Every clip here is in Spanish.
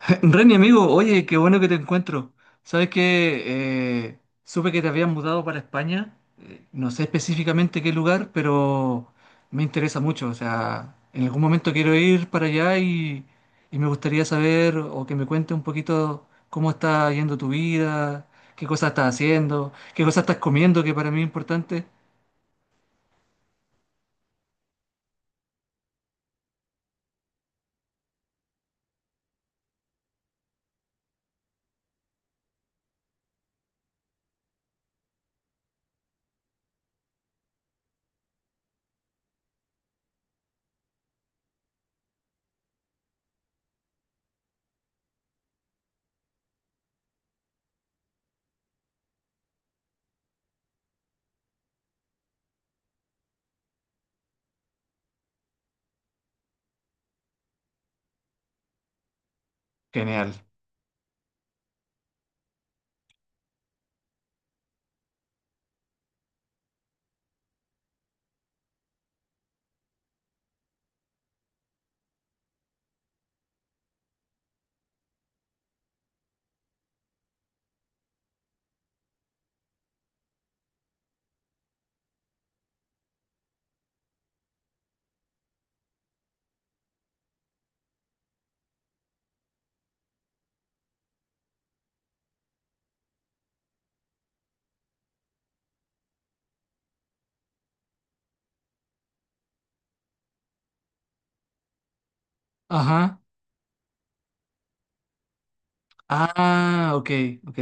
Reni, amigo, oye, qué bueno que te encuentro. Sabes que supe que te habías mudado para España. No sé específicamente qué lugar, pero me interesa mucho. O sea, en algún momento quiero ir para allá y me gustaría saber o que me cuentes un poquito cómo está yendo tu vida, qué cosas estás haciendo, qué cosas estás comiendo, que para mí es importante. Genial. Ajá. Ah, ok, ok.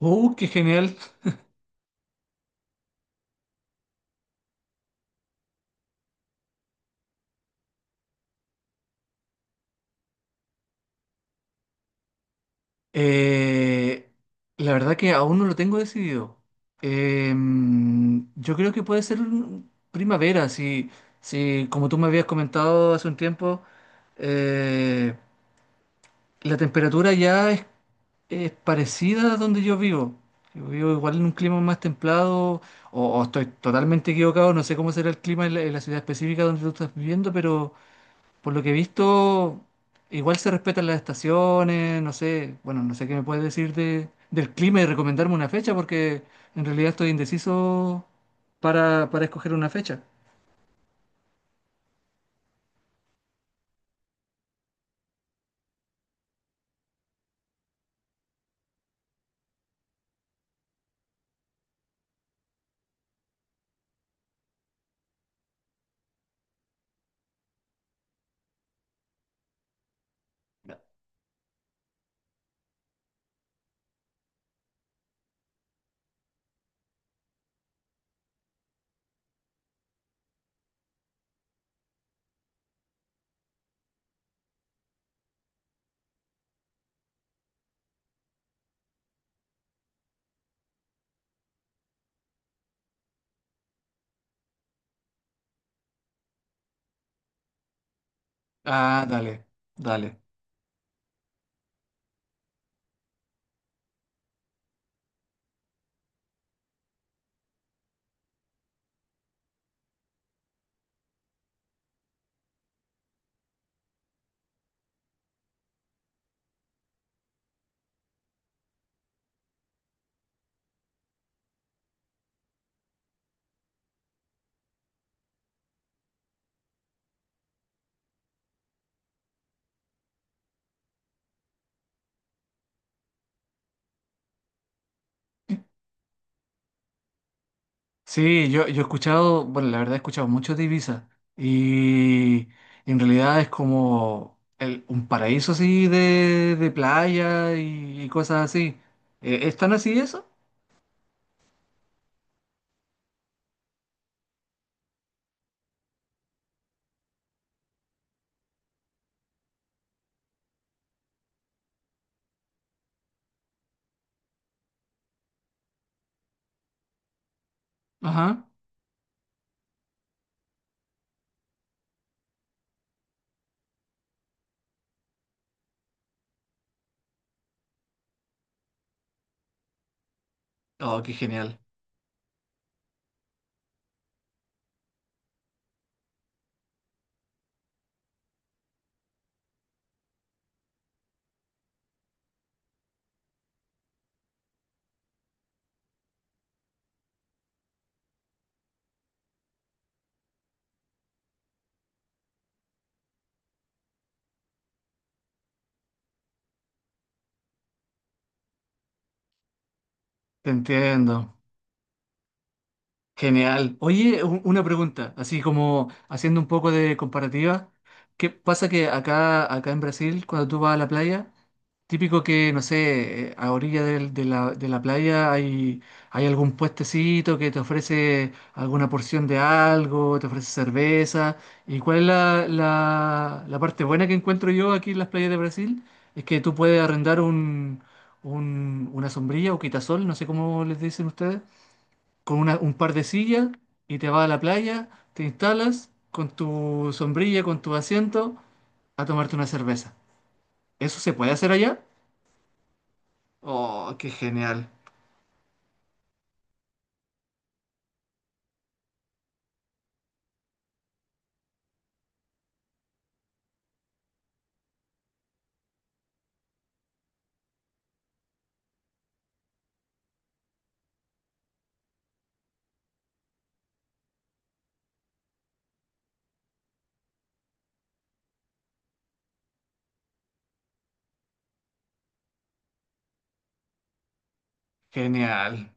Qué genial. Eh, la verdad que aún no lo tengo decidido. Yo creo que puede ser primavera, si, si como tú me habías comentado hace un tiempo, eh, la temperatura es parecida a donde yo vivo. Yo vivo igual en un clima más templado, o estoy totalmente equivocado, no sé cómo será el clima en en la ciudad específica donde tú estás viviendo, pero por lo que he visto, igual se respetan las estaciones, no sé, bueno, no sé qué me puedes decir del clima y recomendarme una fecha, porque en realidad estoy indeciso para escoger una fecha. Ah, dale, dale. Sí, yo he escuchado, bueno, la verdad he escuchado mucho de Ibiza y en realidad es como un paraíso así de playa y cosas así. ¿Están así eso? Ajá. Oh, qué genial. Te entiendo. Genial. Oye, una pregunta, así como haciendo un poco de comparativa. ¿Qué pasa que acá en Brasil, cuando tú vas a la playa, típico que, no sé, a orilla de la playa hay algún puestecito que te ofrece alguna porción de algo, te ofrece cerveza? ¿Y cuál es la parte buena que encuentro yo aquí en las playas de Brasil? Es que tú puedes arrendar una sombrilla o quitasol, no sé cómo les dicen ustedes con un par de sillas y te vas a la playa, te instalas con tu sombrilla, con tu asiento, a tomarte una cerveza. ¿Eso se puede hacer allá? Oh, qué genial, genial.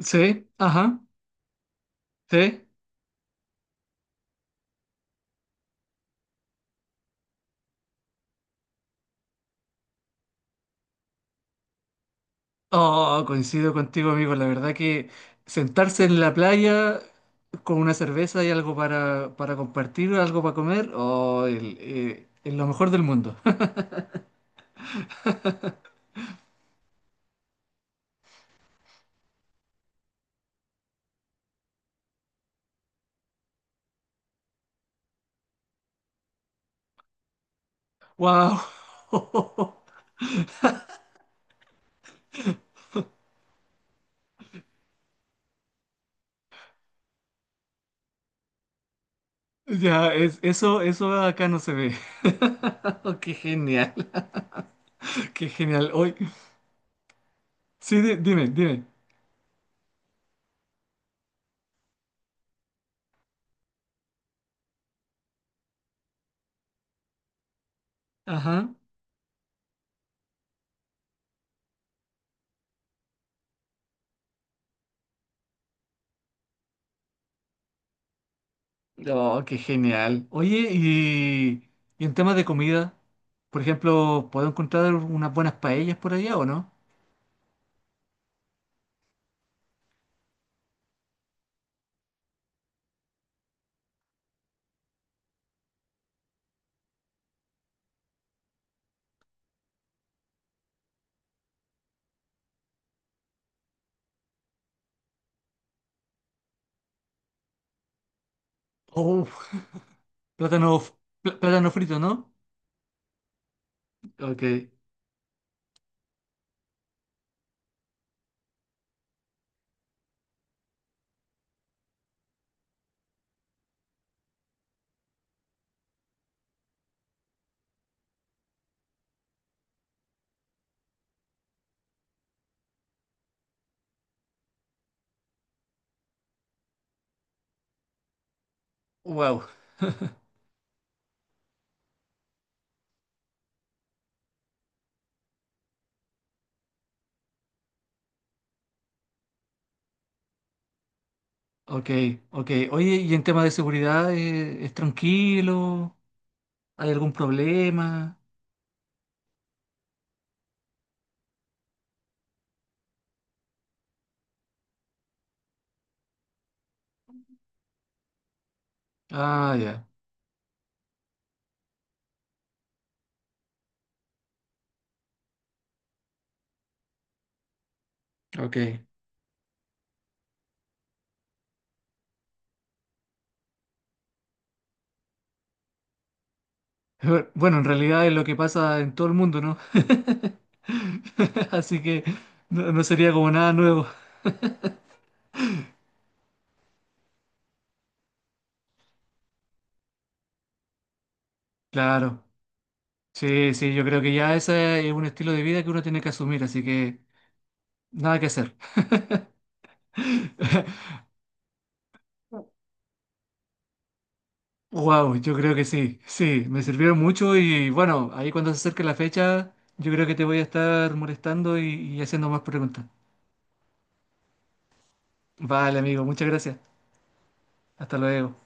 Sí, ajá, sí. Oh, coincido contigo, amigo. La verdad que sentarse en la playa con una cerveza y algo para compartir, algo para comer, oh, es lo mejor del mundo. Wow. Ya, es, eso acá no se ve. Oh, qué genial, qué genial. Hoy, sí, dime, dime. Ajá. Oh, qué genial. Oye, y en temas de comida, por ejemplo, ¿puedo encontrar unas buenas paellas por allá o no? Oh, plátano, f- plátano frito, ¿no? Ok, wow. Ok, ok. Oye, y en temas de seguridad, ¿es tranquilo? ¿Hay algún problema? Ah, ya. Ok. Bueno, en realidad es lo que pasa en todo el mundo, ¿no? Así que no, no sería como nada nuevo. Claro. Sí, sí, yo creo que ya ese es un estilo de vida que uno tiene que asumir, así que nada que hacer. Wow, yo creo que sí, sí, me sirvieron mucho y bueno, ahí cuando se acerque la fecha, yo creo que te voy a estar molestando y haciendo más preguntas. Vale, amigo, muchas gracias. Hasta luego.